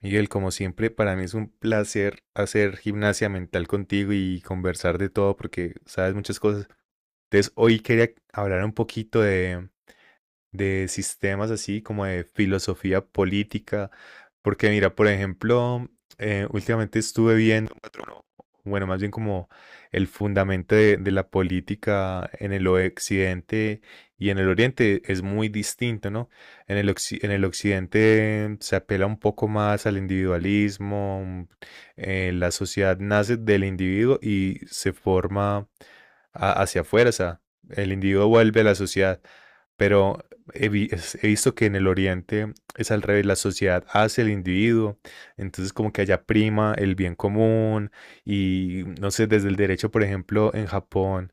Miguel, como siempre, para mí es un placer hacer gimnasia mental contigo y conversar de todo porque sabes muchas cosas. Entonces, hoy quería hablar un poquito de sistemas así, como de filosofía política. Porque mira, por ejemplo, últimamente estuve viendo, bueno, más bien como el fundamento de la política en el occidente y en el oriente es muy distinto, ¿no? En el occidente se apela un poco más al individualismo, la sociedad nace del individuo y se forma hacia afuera, o sea, el individuo vuelve a la sociedad. Pero he visto que en el Oriente es al revés, la sociedad hace el individuo, entonces como que allá prima el bien común y no sé, desde el derecho, por ejemplo, en Japón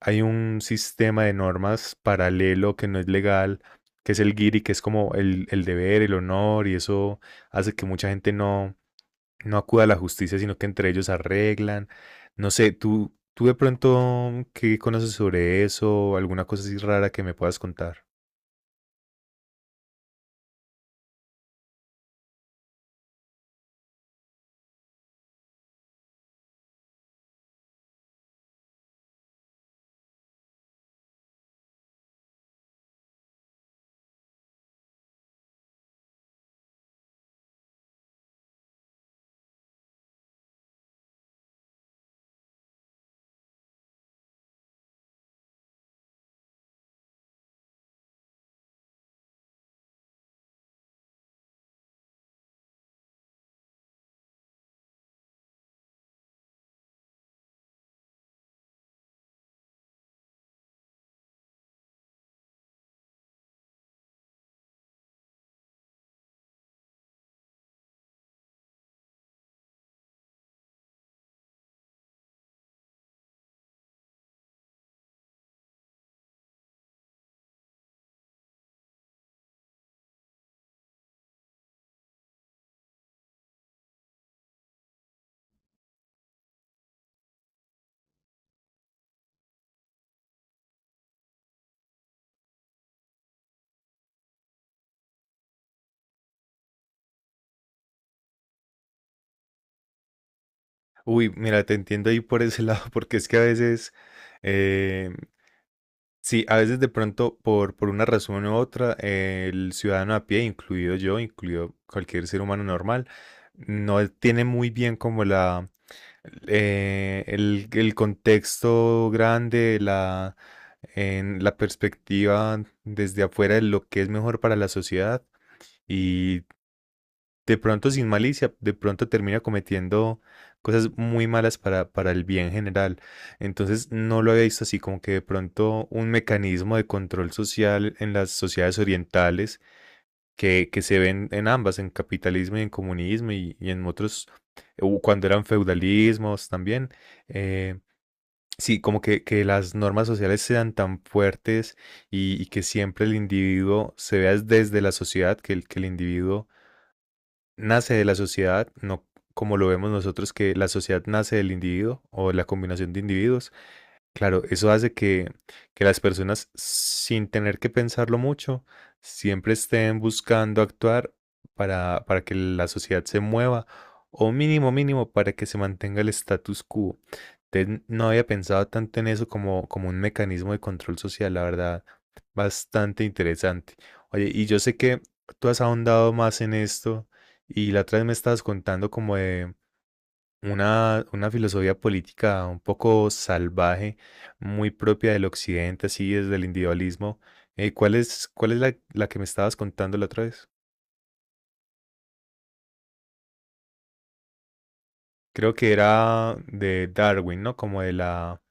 hay un sistema de normas paralelo que no es legal, que es el giri, que es como el deber, el honor y eso hace que mucha gente no acuda a la justicia, sino que entre ellos arreglan. No sé, tú de pronto, ¿qué conoces sobre eso? ¿Alguna cosa así rara que me puedas contar? Uy, mira, te entiendo ahí por ese lado, porque es que a veces, eh, sí, a veces de pronto por una razón u otra, el ciudadano a pie, incluido yo, incluido cualquier ser humano normal, no tiene muy bien como el contexto grande, en la perspectiva desde afuera de lo que es mejor para la sociedad de pronto sin malicia, de pronto termina cometiendo cosas muy malas para el bien general. Entonces no lo había visto así, como que de pronto un mecanismo de control social en las sociedades orientales que se ven en ambas, en capitalismo y en comunismo y en otros, cuando eran feudalismos también. eh, Sí, como que las normas sociales sean tan fuertes y que siempre el individuo se vea desde la sociedad, que el individuo nace de la sociedad, no como lo vemos nosotros, que la sociedad nace del individuo o de la combinación de individuos. Claro, eso hace que las personas, sin tener que pensarlo mucho, siempre estén buscando actuar para que la sociedad se mueva, o mínimo, mínimo, para que se mantenga el status quo. Entonces, no había pensado tanto en eso como, como un mecanismo de control social, la verdad, bastante interesante. Oye, y yo sé que tú has ahondado más en esto, y la otra vez me estabas contando como de una filosofía política un poco salvaje, muy propia del occidente, así desde el individualismo. ¿ cuál es la que me estabas contando la otra vez? Creo que era de Darwin, ¿no? Como de la...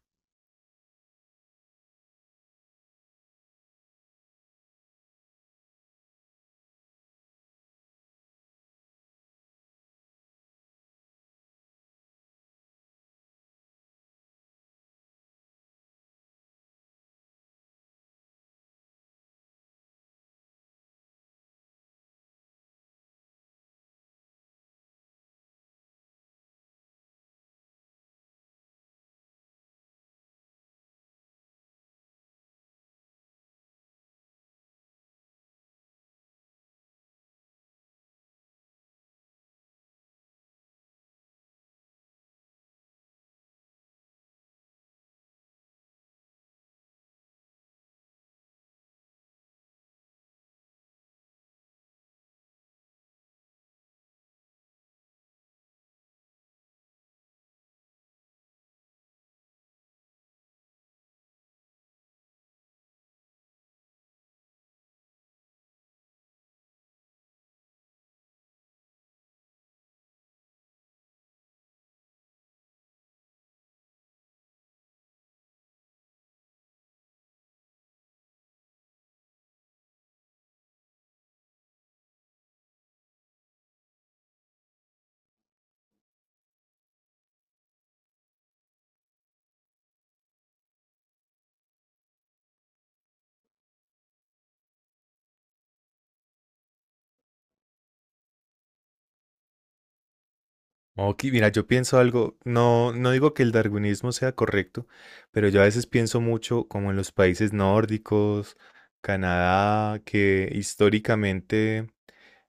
Ok, mira, yo pienso algo, no digo que el darwinismo sea correcto, pero yo a veces pienso mucho como en los países nórdicos, Canadá, que históricamente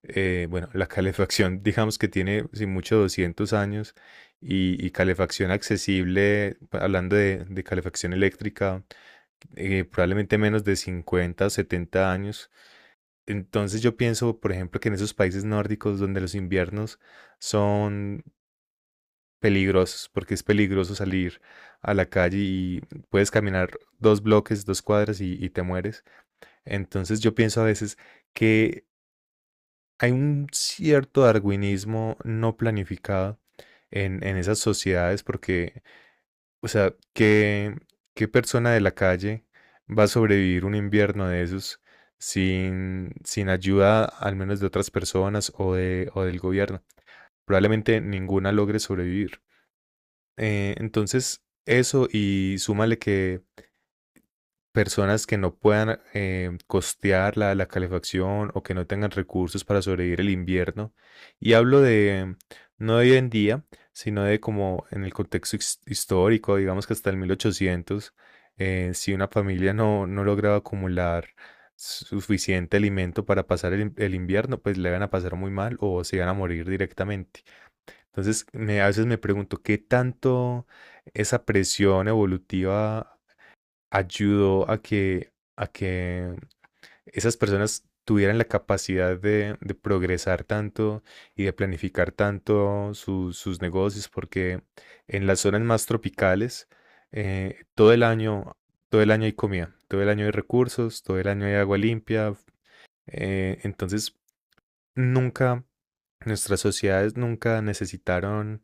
bueno, la calefacción, digamos que tiene, sin mucho, 200 años y calefacción accesible, hablando de calefacción eléctrica, probablemente menos de 50 o 70 años. Entonces yo pienso, por ejemplo, que en esos países nórdicos donde los inviernos son peligrosos, porque es peligroso salir a la calle y puedes caminar dos bloques, dos cuadras y te mueres. Entonces yo pienso a veces que hay un cierto darwinismo no planificado en esas sociedades porque, o sea, ¿ qué persona de la calle va a sobrevivir un invierno de esos sin ayuda al menos de otras personas o del gobierno? Probablemente ninguna logre sobrevivir. Entonces, eso y súmale que personas que no puedan costear la calefacción o que no tengan recursos para sobrevivir el invierno. Y hablo de, no de hoy en día, sino de como en el contexto histórico, digamos que hasta el 1800, si una familia no lograba acumular suficiente alimento para pasar el invierno, pues le van a pasar muy mal o se iban a morir directamente. Entonces, a veces me pregunto, ¿qué tanto esa presión evolutiva ayudó a a que esas personas tuvieran la capacidad de progresar tanto y de planificar tanto sus negocios, porque en las zonas más tropicales, eh, todo el año, todo el año hay comida, todo el año hay recursos, todo el año hay agua limpia. Entonces, nunca, Nuestras sociedades nunca necesitaron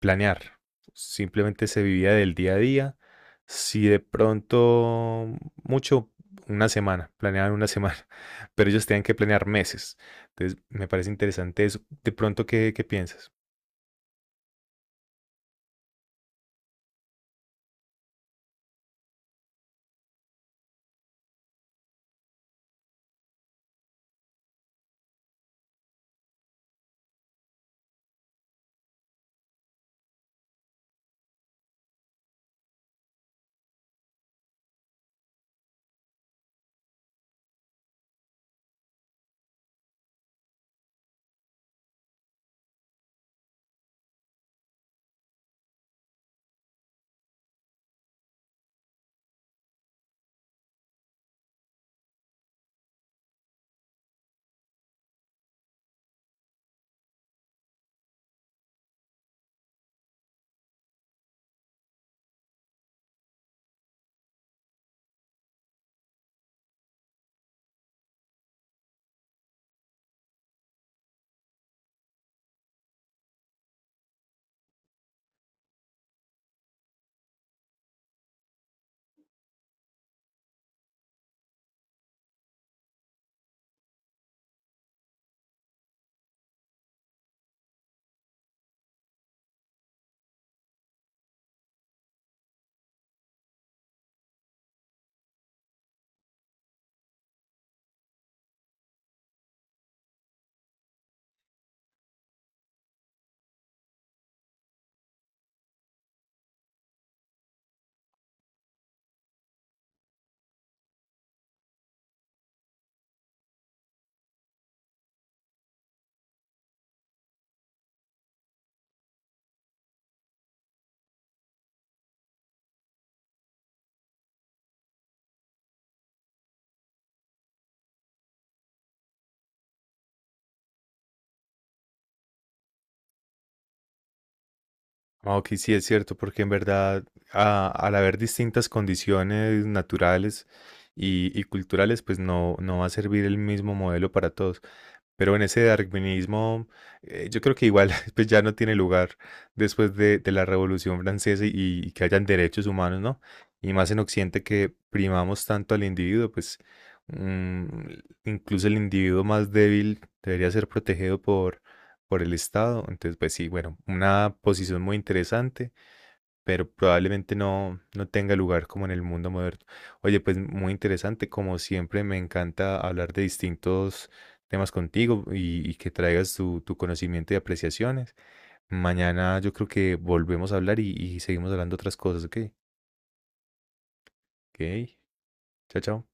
planear. Simplemente se vivía del día a día. Si de pronto, mucho, una semana, planeaban una semana, pero ellos tenían que planear meses. Entonces, me parece interesante eso. De pronto, ¿ qué piensas? Ah, Ok, sí, es cierto, porque en verdad, al haber distintas condiciones naturales y culturales, pues no va a servir el mismo modelo para todos. Pero en ese darwinismo, yo creo que igual pues ya no tiene lugar después de la Revolución Francesa y que hayan derechos humanos, ¿no? Y más en Occidente que primamos tanto al individuo, pues mm, incluso el individuo más débil debería ser protegido por el Estado. Entonces, pues sí, bueno, una posición muy interesante pero probablemente no tenga lugar como en el mundo moderno. Oye, pues muy interesante, como siempre me encanta hablar de distintos temas contigo y que traigas tu conocimiento y apreciaciones. Mañana yo creo que volvemos a hablar y seguimos hablando otras cosas, ¿ok? Ok, chao, chao.